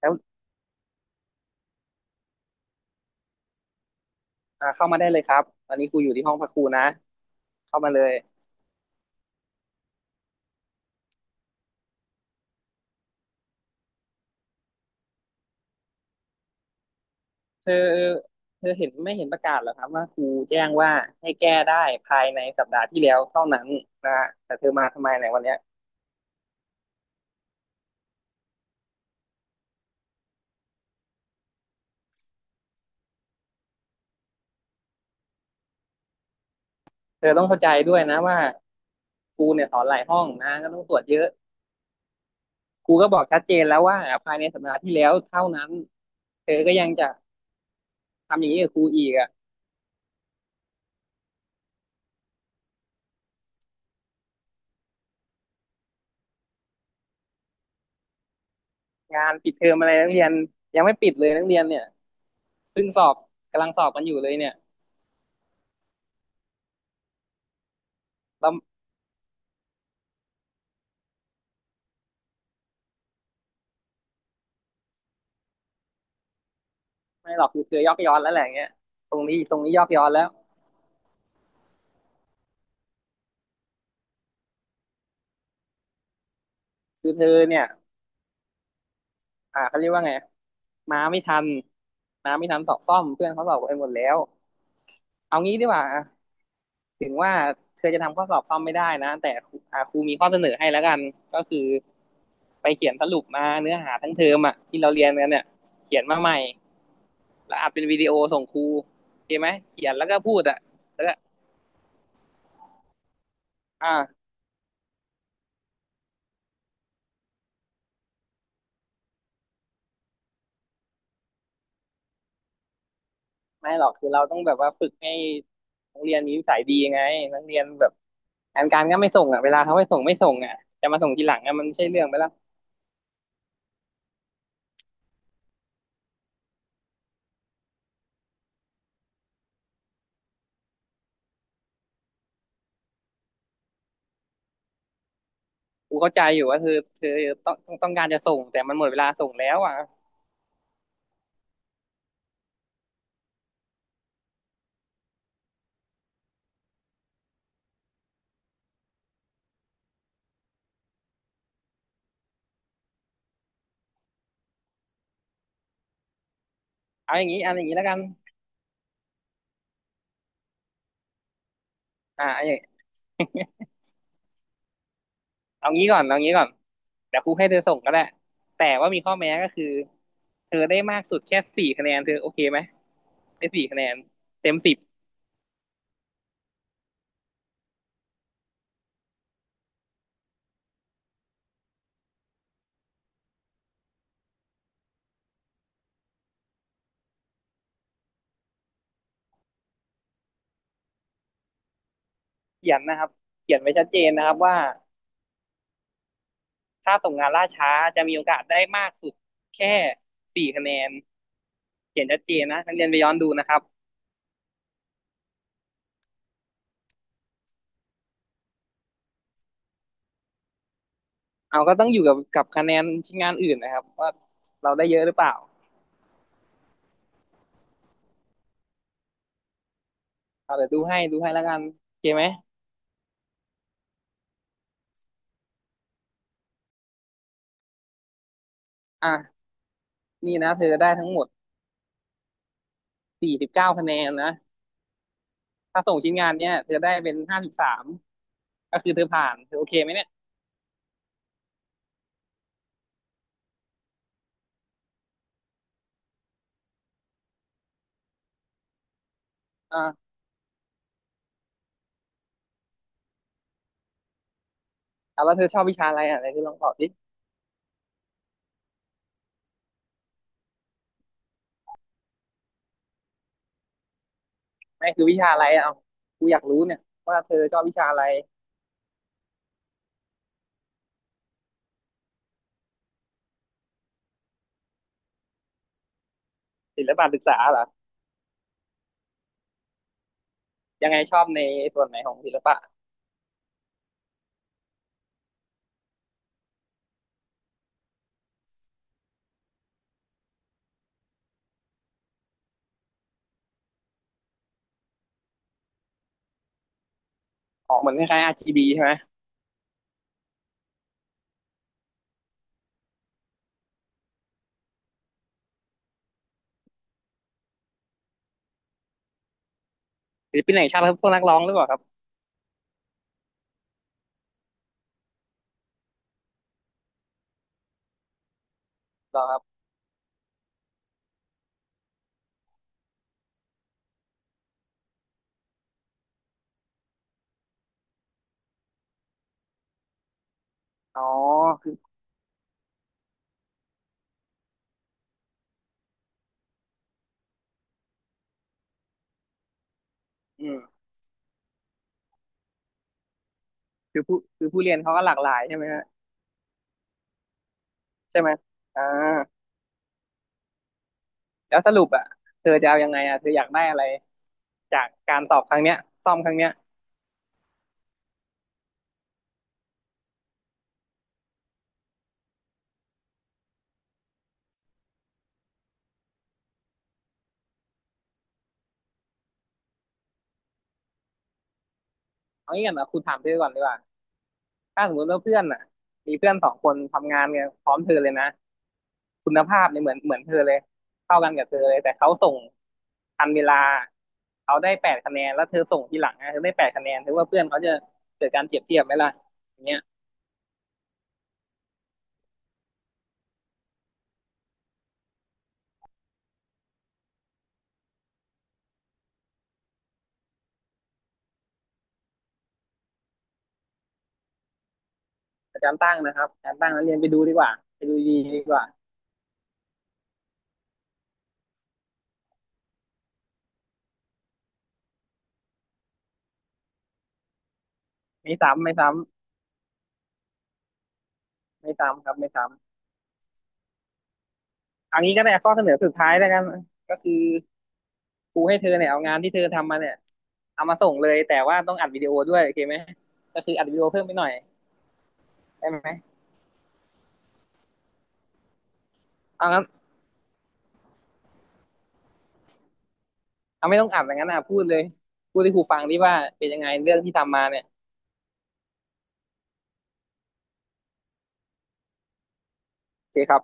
แล้วอ่าเข้ามาได้เลยครับตอนนี้ครูอยู่ที่ห้องพักครูนะเข้ามาเลยเธอเธอเห็นไม่เห็นประกาศเหรอครับว่าครูแจ้งว่าให้แก้ได้ภายในสัปดาห์ที่แล้วเท่านั้นนะฮะแต่เธอมาทำไมในยวันเนี้ยเธอต้องเข้าใจด้วยนะว่าครูเนี่ยสอนหลายห้องนะก็ต้องตรวจเยอะครูก็บอกชัดเจนแล้วว่าภายในสัปดาห์ที่แล้วเท่านั้นเธอก็ยังจะทำอย่างนี้กับครูอีกอะงานปิดเทอมอะไรนักเรียนยังไม่ปิดเลยนักเรียนเนี่ยเพิ่งสอบกำลังสอบกันอยู่เลยเนี่ยเรา ไม่หรอกคือเธอยอกย้อนแล้วแหละอย่างเงี้ยตรงนี้ตรงนี้ยอกย้อนแล้วคือเธอเนี่ยอ่าเขาเรียกว่าไงมาไม่ทันมาไม่ทันสอบซ่อมเพื่อนเขาสอบไปหมดแล้วเอางี้ดีกว่าอ่ะถึงว่าเธอจะทำข้อสอบซ่อมไม่ได้นะแต่ครูอ่าครูมีข้อเสนอให้แล้วกันก็คือไปเขียนสรุปมาเนื้อหาทั้งเทอมอ่ะที่เราเรียนกันเนี่ยเขียนมาใหม่แล้วอัดเป็นวิดีโอส่งครูโอเคไหมเขียนแล้วก็พูดอ่ะแล้วก็อ่า ไม่หรอกคือเราต้องแบบว่าฝึกให้นักเรียนมีนิสัยดีไงนักเรียนแบบงานการก็ไม่ส่งอ่ะเวลาเขาไม่ส่งไม่ส่งอ่ะจะมาส่งทีหลังอ่ะมันไม่ใช่เรื่องไปแล้วกูเข้าใจอยู่ว่าเธอเธอต้องต้องต้องการจะส่งแต่มันหมดเวลาส่งแล้วอ่ะเอาอย่างนี้เอาอย่างนี้แล้วกันอ่าเอาอย่างเอางี้ก่อนเอางี้ก่อนเดี๋ยวครูให้เธอส่งก็ได้แต่ว่ามีข้อแม้ก็คือเธอได้มากสุดแค่สี่คะแนนเธอโอเคไหมได้สี่คะแนนเต็มสิบเขียนนะครับเขียนไว้ชัดเจนนะครับว่า ถ้าส่งงานล่าช้าจะมีโอกาสได้มากสุดแค่สี่คะแนนเขียนชัดเจนนะนักเรียนไปย้อนดูนะครับเอาก็ต้องอยู่กับกับคะแนนชิ้นงานอื่นนะครับว่าเราได้เยอะหรือเปล่าเอาเดี๋ยวดูให้ดูให้แล้วกันโอเคไหมอ่ะนี่นะเธอได้ทั้งหมดสี่สิบเก้าคะแนนนะถ้าส่งชิ้นงานเนี้ยเธอได้เป็นห้าสิบสามก็คือเธอผ่านเธอโอเคไหมเนี่ยอ่าเอาแล้วเธอชอบวิชาอะไรอ่ะไหนเธอลองตอบดิไม่คือวิชาอะไรอ่ะเอากูอยากรู้เนี่ยว่าเธอชอบวิชาอะไรศิลปะศึกษาเหรอยังไงชอบในส่วนไหนของศิลปะ ออกเหมือนคล้ายๆ RGB ใช่ไหมศิลปินแห่งชาติครับพวกนักร้องหรือเปล่าครับ หรอครับอ๋อคืออืมคือผู้คือผู้เรียนเขาก็หลากหลายใช่ไหมฮะใช่ไหม อ่าแล้วสรุปอ่ะเธอจะเอายังไงอ่ะเธออยากได้อะไร จากการตอบครั้งเนี้ยซ่อมครั้งเนี้ยเอางี้ก่อนนะคุณถามเธอก่อนดีกว่า ถ้าสมมติว่าเพื่อนอ่ะมีเพื่อนสองคนทำงานกันพร้อมเธอเลยนะ คุณภาพเนี่ยเหมือนเหมือนเธอเลยเข้ากันกับเธอเลยแต่เขาส่งทันเวลาเขาได้แปดคะแนนแล้วเธอส่งทีหลังนะเธอได้แปดคะแนนถือว่าเพื่อนเขาจะเกิดการเปรียบเทียบไหมล่ะเอาจารย์ตั้งนะครับอาจารย์ตั้งนักเรียนไปดูดีกว่าไปดูดีดีกว่าไม่ซ้ำไม่ซ้ำไม่ซ้ำครับไม่ซ้ำออนงี้ก็ได้ข้อเสนอสุดท้ายแล้วกันก็คือครูให้เธอเนี่ยเอางานที่เธอทำมาเนี่ยเอามาส่งเลยแต่ว่าต้องอัดวิดีโอด้วยโอเคไหมก็คืออัดวิดีโอเพิ่มไปหน่อยได้ไหมเอางั้นเอาไม่ต้องอัดอย่างนั้นนะพูดเลยพูดให้ครูฟังดิว่าเป็นยังไงเรื่องที่ทำมาเนี่ยโอเคครับ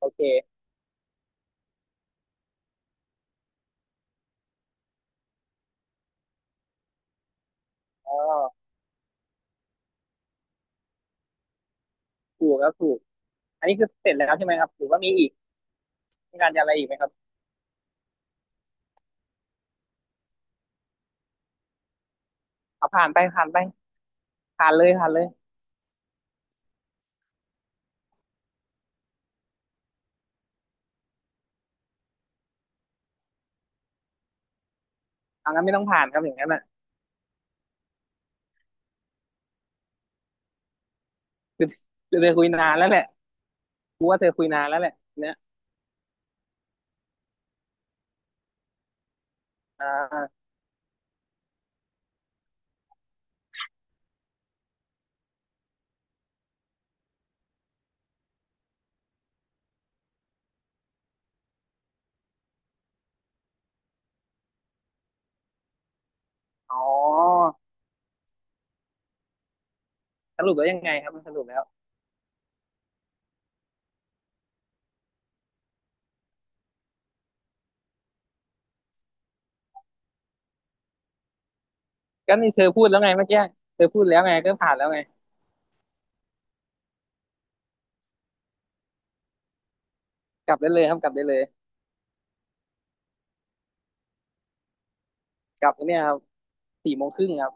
โอเคอ๋อถูกครับถูกอันนี้คือเสร็จแล้วใช่ไหมครับหรือว่ามีอีกมีการจะอะไรอีกไหมครับเอาผ่านไปผ่านไปผ่านเลยผ่านเลยเอางั้นไม่ต้องผ่านครับอย่างนั้น คือคือเธอคุยนานแล้วแหละกูว่าเธอคุยนานแล้วแหละเนี่ยอ่าอ๋อสรุปแล้วยังไงครับมันสรุปแล้วก็นี่เธอพูดแล้วไงเมื่อกี้เธอพูดแล้วไงก็ผ่านแล้วไงกลับได้เลยครับกลับได้เลยกลับเนี่ยครับสี่โมงครึ่งครับ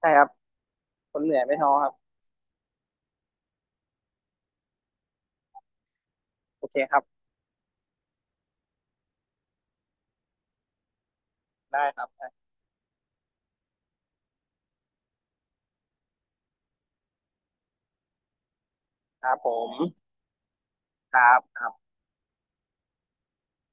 ใช่ครับคนเหนื่อยไม่ท้อครับ โอเคครับ ได้ครับได้ครับผม ครับ